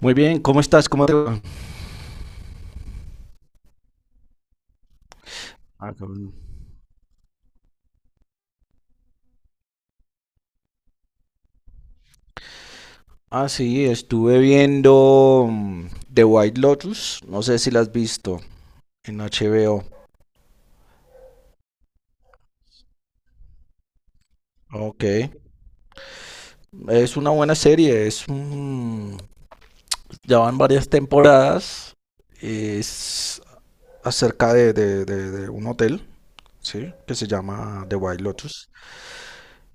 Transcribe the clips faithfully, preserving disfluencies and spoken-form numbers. Muy bien, ¿cómo estás? ¿Cómo te va? Ah, cabrón. Ah, sí, estuve viendo mm, The White Lotus. No sé si la has visto en H B O. Ok. Es una buena serie. Es un- ya van varias temporadas. Es acerca de, de- de- de un hotel, ¿sí? Que se llama The White Lotus.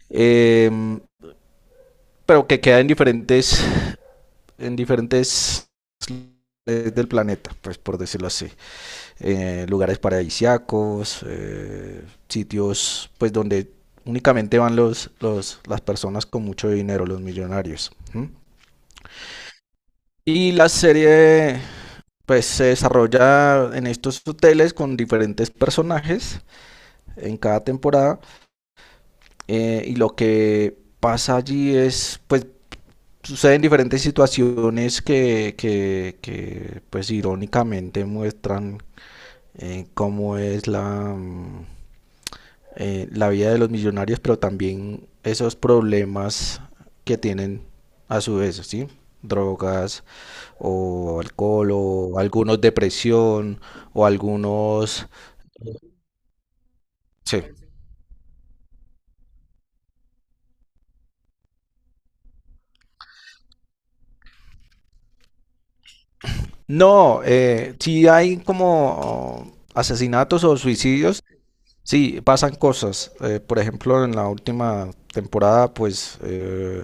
Em, pero que queda en diferentes, en diferentes eh, del planeta, pues por decirlo así. Eh, lugares paradisíacos, eh, sitios pues donde únicamente van los, los, las personas con mucho dinero, los millonarios. ¿Mm? Y la serie pues se desarrolla en estos hoteles con diferentes personajes en cada temporada, eh, y lo que pasa allí es pues suceden diferentes situaciones que, que, que pues irónicamente muestran eh, cómo es la mm, eh, la vida de los millonarios, pero también esos problemas que tienen a su vez, ¿sí? Drogas o alcohol o algunos depresión o algunos... Sí. No, eh, sí hay como asesinatos o suicidios, sí, pasan cosas. Eh, por ejemplo, en la última temporada, pues eh,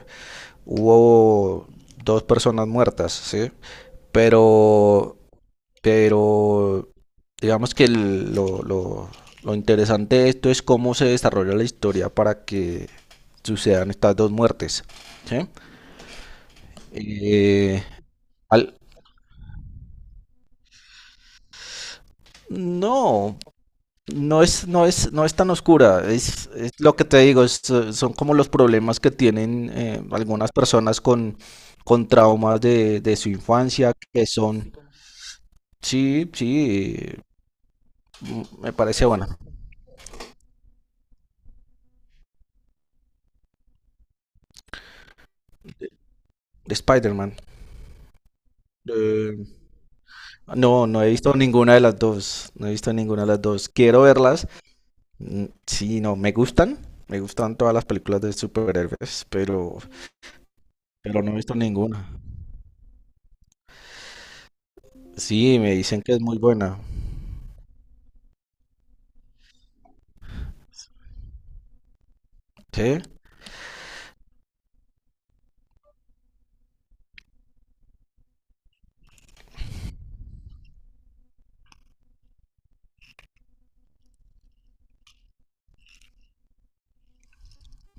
hubo dos personas muertas, ¿sí? Pero Pero digamos que el- lo, lo- lo interesante de esto es cómo se desarrolla la historia para que sucedan estas dos muertes, ¿sí? Eh, al- no, no es, no es, no es tan oscura. Es, es lo que te digo, es, eh, son como los problemas que tienen eh, algunas personas con, con traumas de, de su infancia, que son... Sí, sí, mm, me parece buena. De Spider-Man. Eh, No, no he visto ninguna de las dos. No he visto ninguna de las dos. Quiero verlas. Mm, Sí, no, me gustan. Me gustan todas las películas de superhéroes, pero, pero no he visto ninguna. Sí, me dicen que es muy buena. ¿Sí?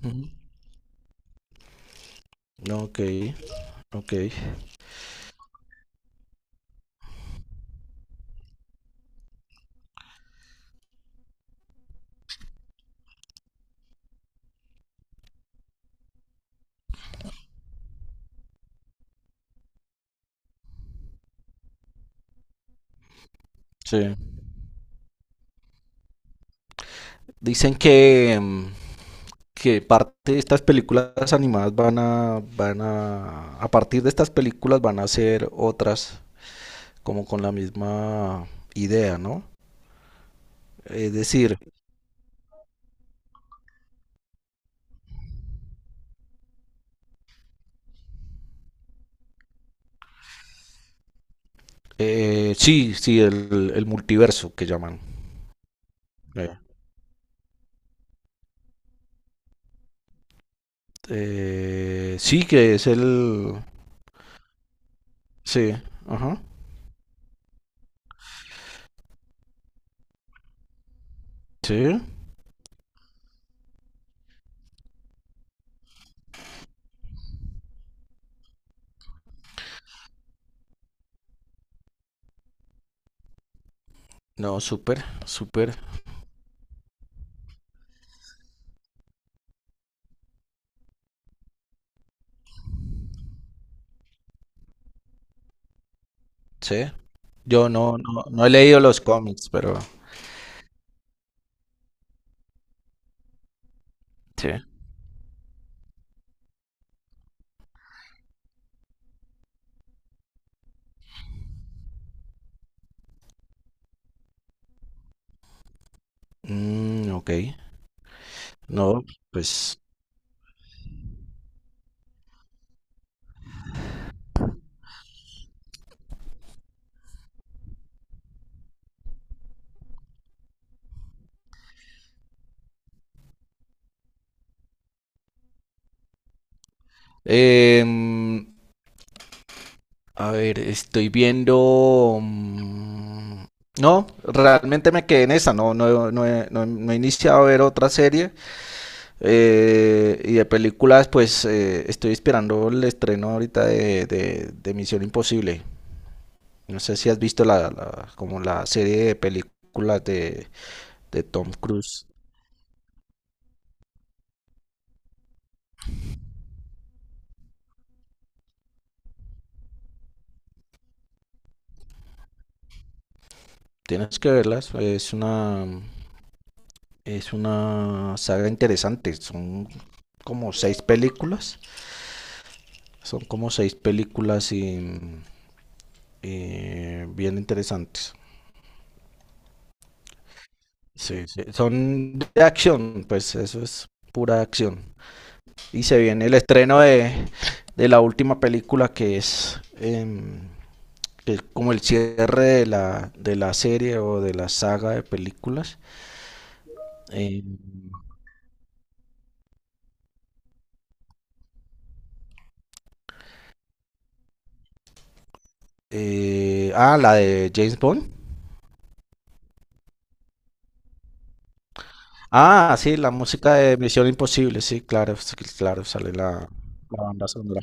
Ujú. Ok, ok. Sí. Dicen que, mm, que parte de estas películas animadas van a, van a, a partir de estas películas van a hacer otras como con la misma idea, ¿no? Es decir, Eh, sí, sí, el, el multiverso que llaman. Eh, eh, sí, que es el... Sí, ajá, sí. No, súper, súper, sí. Yo no, no, no he leído los cómics, pero... Sí. Mm, ok, no, pues... em, a ver, estoy viendo... mm, No, realmente me quedé en esa, no, no, no he, no he- no he iniciado a ver otra serie. Eh, y de películas, pues eh, estoy esperando el estreno ahorita de, de, de Misión Imposible. No sé si has visto la, la- como la serie de películas de, de Tom Cruise. Tienes que verlas. Es una, es una saga interesante. Son como seis películas. Son como seis películas y, y bien interesantes. Sí, sí. Son de acción, pues eso es pura acción. Y se viene el estreno de, de la última película que es, em, que es como el cierre de la, de la serie o de la saga de películas. Em, eh, ah, la de James Bond. Ah, sí, la música de Misión Imposible, sí, claro, sí, claro, sale la, la banda sonora.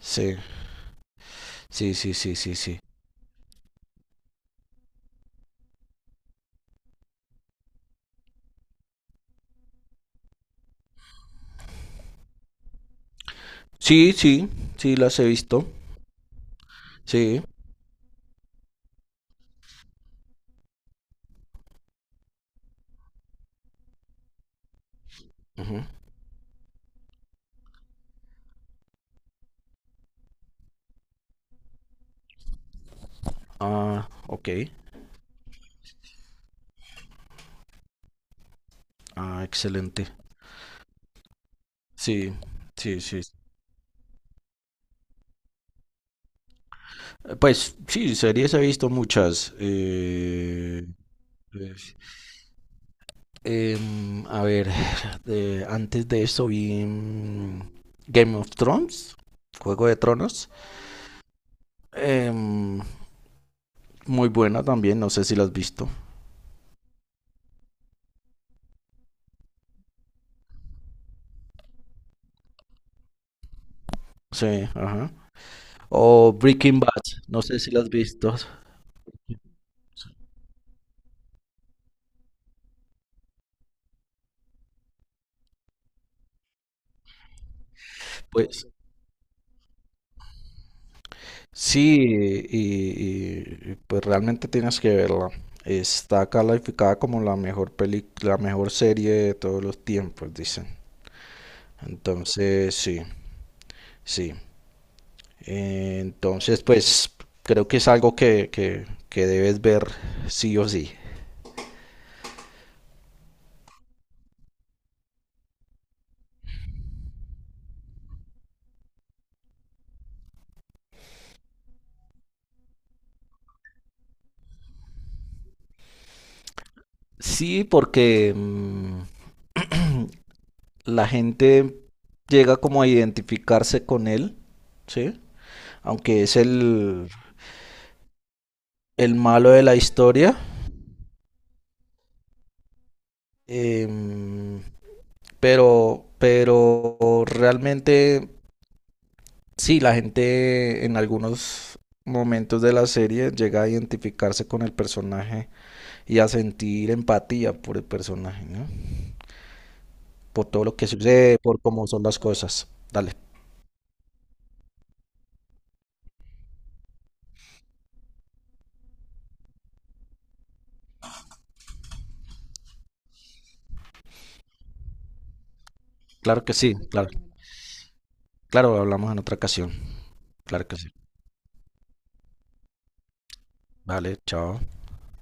Sí, sí, sí, sí, sí, sí. Sí, sí, sí, las he visto. Sí. Ujú. Ah, ok. Ah, excelente. Sí, sí, sí. Pues sí, series he visto muchas. eh, pues, em, a ver, de- antes de eso vi mm, Game of Thrones, Juego de Tronos. em, Muy buena también, no sé si la has visto. Sí, ajá. O Breaking Bad, no sé si la has visto. Pues sí, y, y- y, pues realmente tienes que verla. Está calificada como la mejor peli, la mejor serie de todos los tiempos, dicen. Entonces, sí, sí. Eh, entonces, pues creo que es algo que, que, que debes ver sí o sí. Sí, porque mm, la gente llega como a identificarse con él, ¿sí? Aunque es el, el malo de la historia, em, pero, pero realmente sí, la gente en algunos momentos de la serie llega a identificarse con el personaje y a sentir empatía por el personaje, ¿no? Por todo lo que sucede, por cómo son las cosas. Dale. Claro que sí, claro. Claro, hablamos en otra ocasión. Claro que sí. Vale, chao.